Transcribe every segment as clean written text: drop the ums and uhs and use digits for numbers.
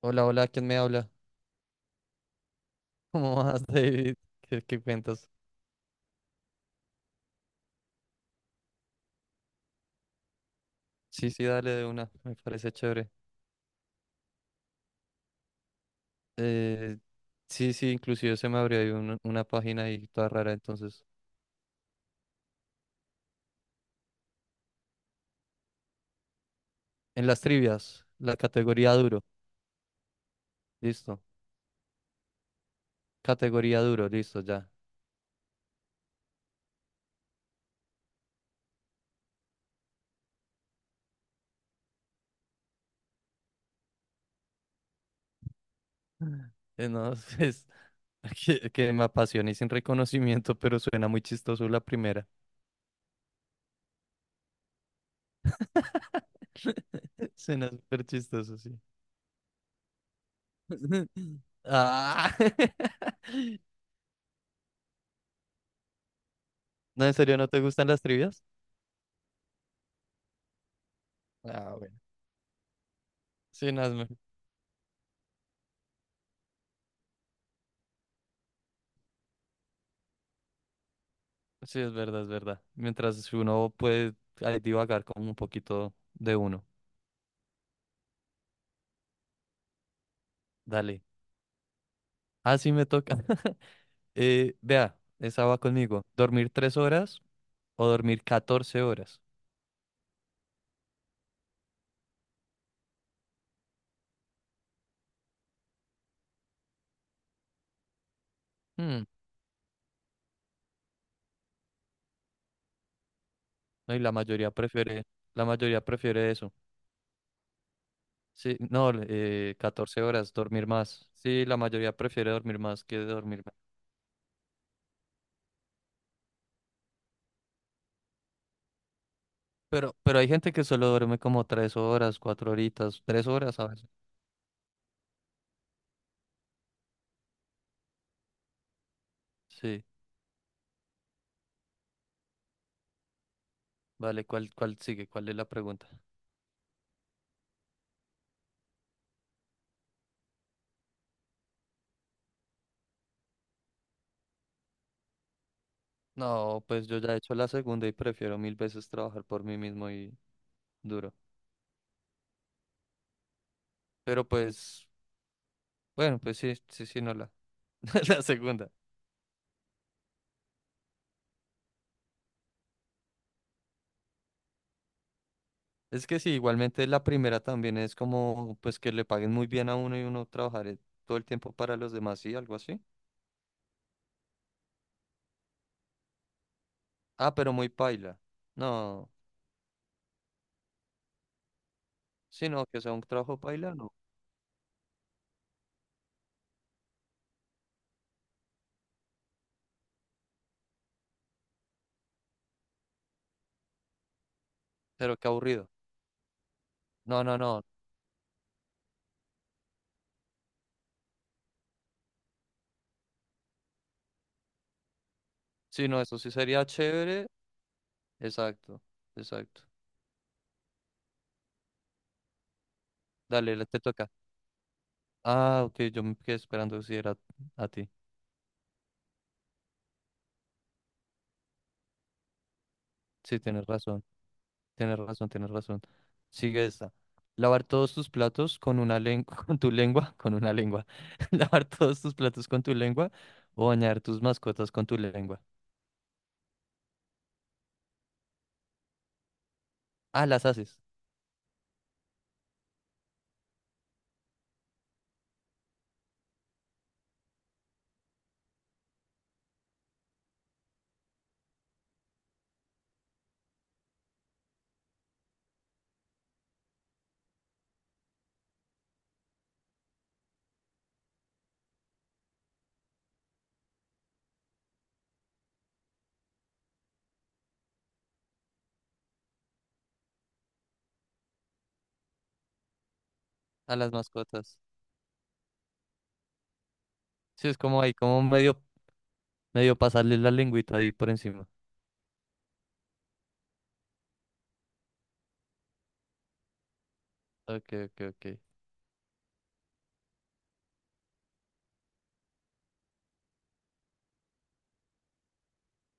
Hola, hola, ¿quién me habla? ¿Cómo vas, David? ¿Qué cuentas? Sí, sí, dale de una, me parece chévere. Eh, sí, sí, inclusive se me abrió ahí una página ahí toda rara, entonces. En las trivias, la categoría duro, listo. Categoría duro, listo, ya. No, es que me apasiona y sin reconocimiento, pero suena muy chistoso la primera. Suena súper chistoso, sí. Ah. No, ¿en serio no te gustan las trivias? Ah, bueno. Sí, no, sí, es verdad, es verdad. Mientras uno puede ahí divagar como un poquito de uno. Dale. Ah, sí, me toca. Vea, esa va conmigo. ¿Dormir 3 horas o dormir 14 horas? Hmm, no, y la la mayoría prefiere eso. Sí, no, 14 horas, dormir más. Sí, la mayoría prefiere dormir más que dormir menos. Pero hay gente que solo duerme como 3 horas, cuatro horitas, 3 horas a veces. Sí, vale, ¿cuál sigue? ¿Cuál es la pregunta? No, pues yo ya he hecho la segunda y prefiero mil veces trabajar por mí mismo y duro. Pero pues, bueno, pues sí, sí, sí, no la segunda. Es que sí, igualmente la primera también es como, pues que le paguen muy bien a uno y uno trabajar todo el tiempo para los demás, sí, algo así. Ah, pero muy paila. No, sí, no, que sea un trabajo paila, no. Pero qué aburrido. No, no, no. Sí, no, eso sí sería chévere. Exacto, exacto. Dale, te toca. Ah, ok, yo me quedé esperando si era a ti. Sí, tienes razón. Tienes razón, tienes razón. Sigue esta. Lavar todos tus platos con una lengua, con tu lengua, con una lengua. Lavar todos tus platos con tu lengua o bañar tus mascotas con tu lengua. Ah, las haces, a las mascotas. Sí, es como ahí, como medio pasarle la lengüita ahí por encima. Ok, ok, ok.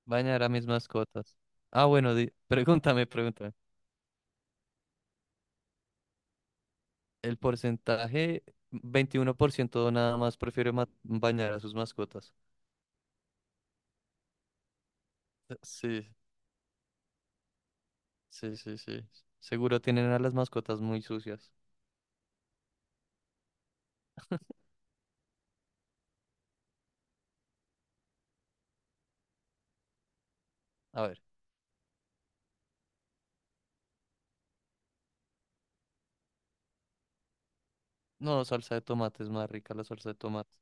Bañar a mis mascotas. Ah, bueno, pregúntame, pregúntame. El porcentaje, 21% nada más prefiere bañar a sus mascotas. Sí, sí, sí, sí. Seguro tienen a las mascotas muy sucias. A ver. No, salsa de tomate es más rica la salsa de tomate.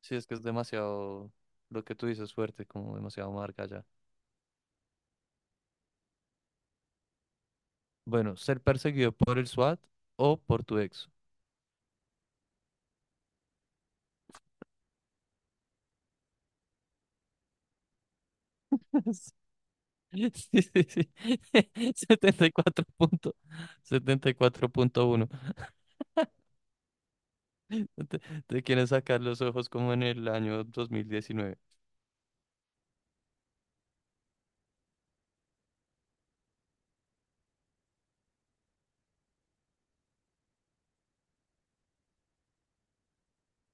Sí, es que es demasiado, lo que tú dices, fuerte, como demasiado marca ya. Bueno, ser perseguido por el SWAT o por tu ex. Sí, sí, sí. 74 punto, 74.1. Te, te quieren sacar los ojos como en el año 2019.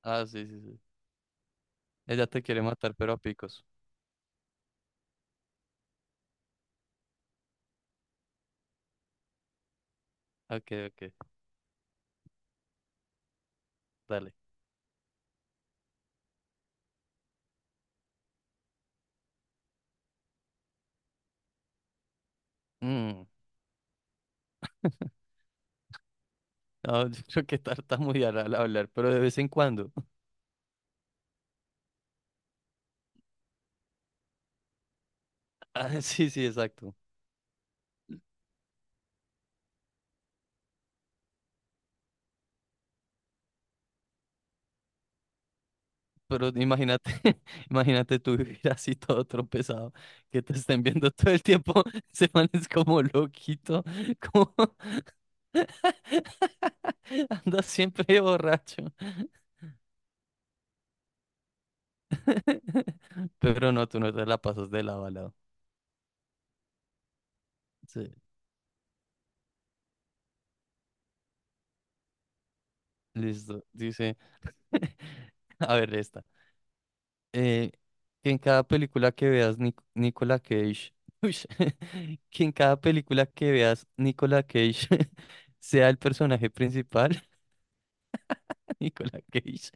Ah, sí, sí, sí. Ella te quiere matar, pero a picos. Ok, ok, dale. Mm. No, yo creo que tartamudear al hablar, pero de vez en cuando. Ah, sí, sí, exacto. Pero imagínate, imagínate tú vivir así todo tropezado, que te estén viendo todo el tiempo, se man es como loquito, como andas siempre borracho. Pero no, tú no te la pasas de lado a lado. Sí, listo. Dice, a ver esta. eh, que en cada película que veas Nicolas Cage, uy, que en cada película que veas Nicolas Cage sea el personaje principal, Nicolas Cage,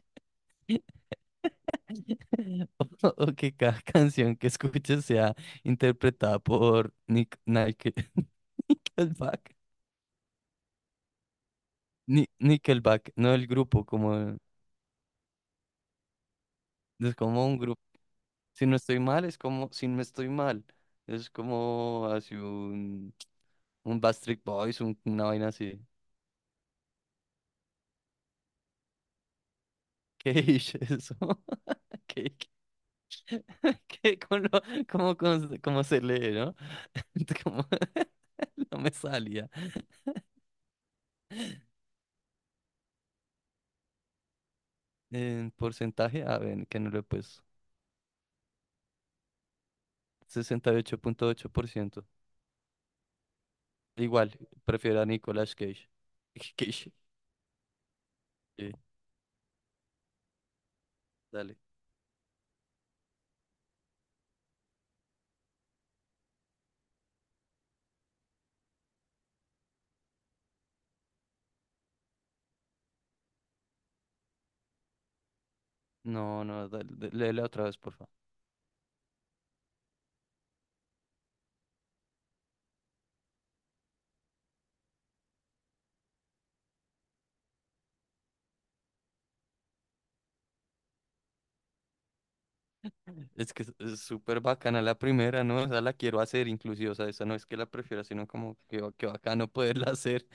o, o que cada canción que escuches sea interpretada por Nickelback, Nickelback, no el grupo, como es como un grupo. Si no estoy mal, es como si no estoy mal, es como hace un Backstreet Boys, una vaina así. ¿Qué es eso? ¿Qué, qué, cómo, cómo, cómo se lee, ¿no? ¿Cómo? No me salía. En porcentaje, a ver, que no lo he puesto. 68,8%. Igual, prefiero a Nicolas Cage. Cage. Sí, dale. No, no, dale, léela otra vez, por favor. Es que es súper bacana la primera, ¿no? O sea, la quiero hacer inclusive, o sea, esa no es que la prefiera, sino como que bacano poderla hacer.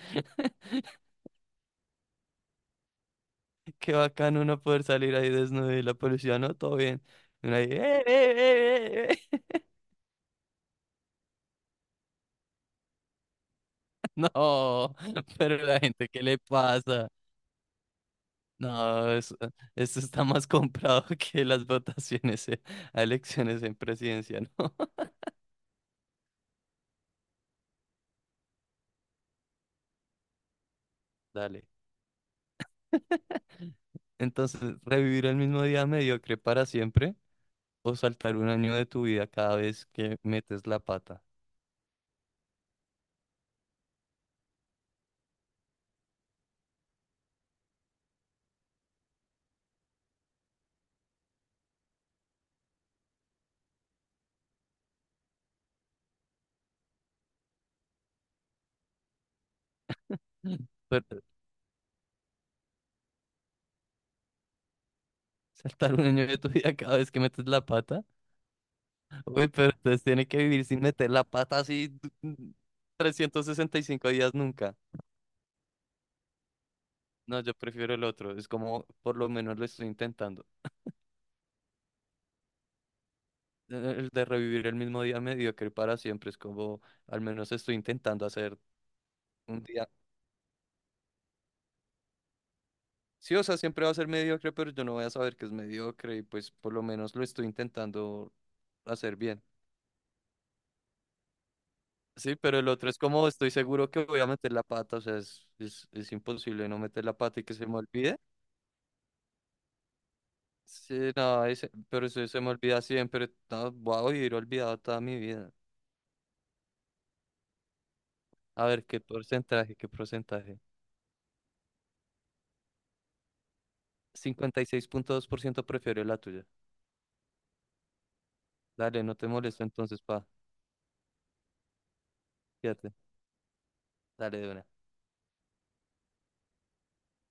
Qué bacano uno poder salir ahí desnudo y la policía, no, todo bien. Y uno ahí, eh". No, pero la gente, ¿qué le pasa? No, eso, esto está más comprado que las votaciones a elecciones en presidencia, ¿no? Dale. Entonces, ¿revivir el mismo día mediocre para siempre o saltar un año de tu vida cada vez que metes la pata? Pero, ¿saltar un año de tu vida cada vez que metes la pata? Uy, pero entonces tiene que vivir sin meter la pata así 365 días nunca. No, yo prefiero el otro. Es como, por lo menos lo estoy intentando. El de revivir el mismo día mediocre para siempre. Es como, al menos estoy intentando hacer un día. Sí, o sea, siempre va a ser mediocre, pero yo no voy a saber que es mediocre y pues por lo menos lo estoy intentando hacer bien. Sí, pero el otro es como, estoy seguro que voy a meter la pata. O sea, es imposible no meter la pata y que se me olvide. Sí, no, ahí pero se me olvida siempre. No, voy a vivir olvidado toda mi vida. A ver, ¿qué porcentaje? ¿Qué porcentaje? 56,2% prefiero la tuya. Dale, no te molesto entonces, pa. Fíjate. Dale de una.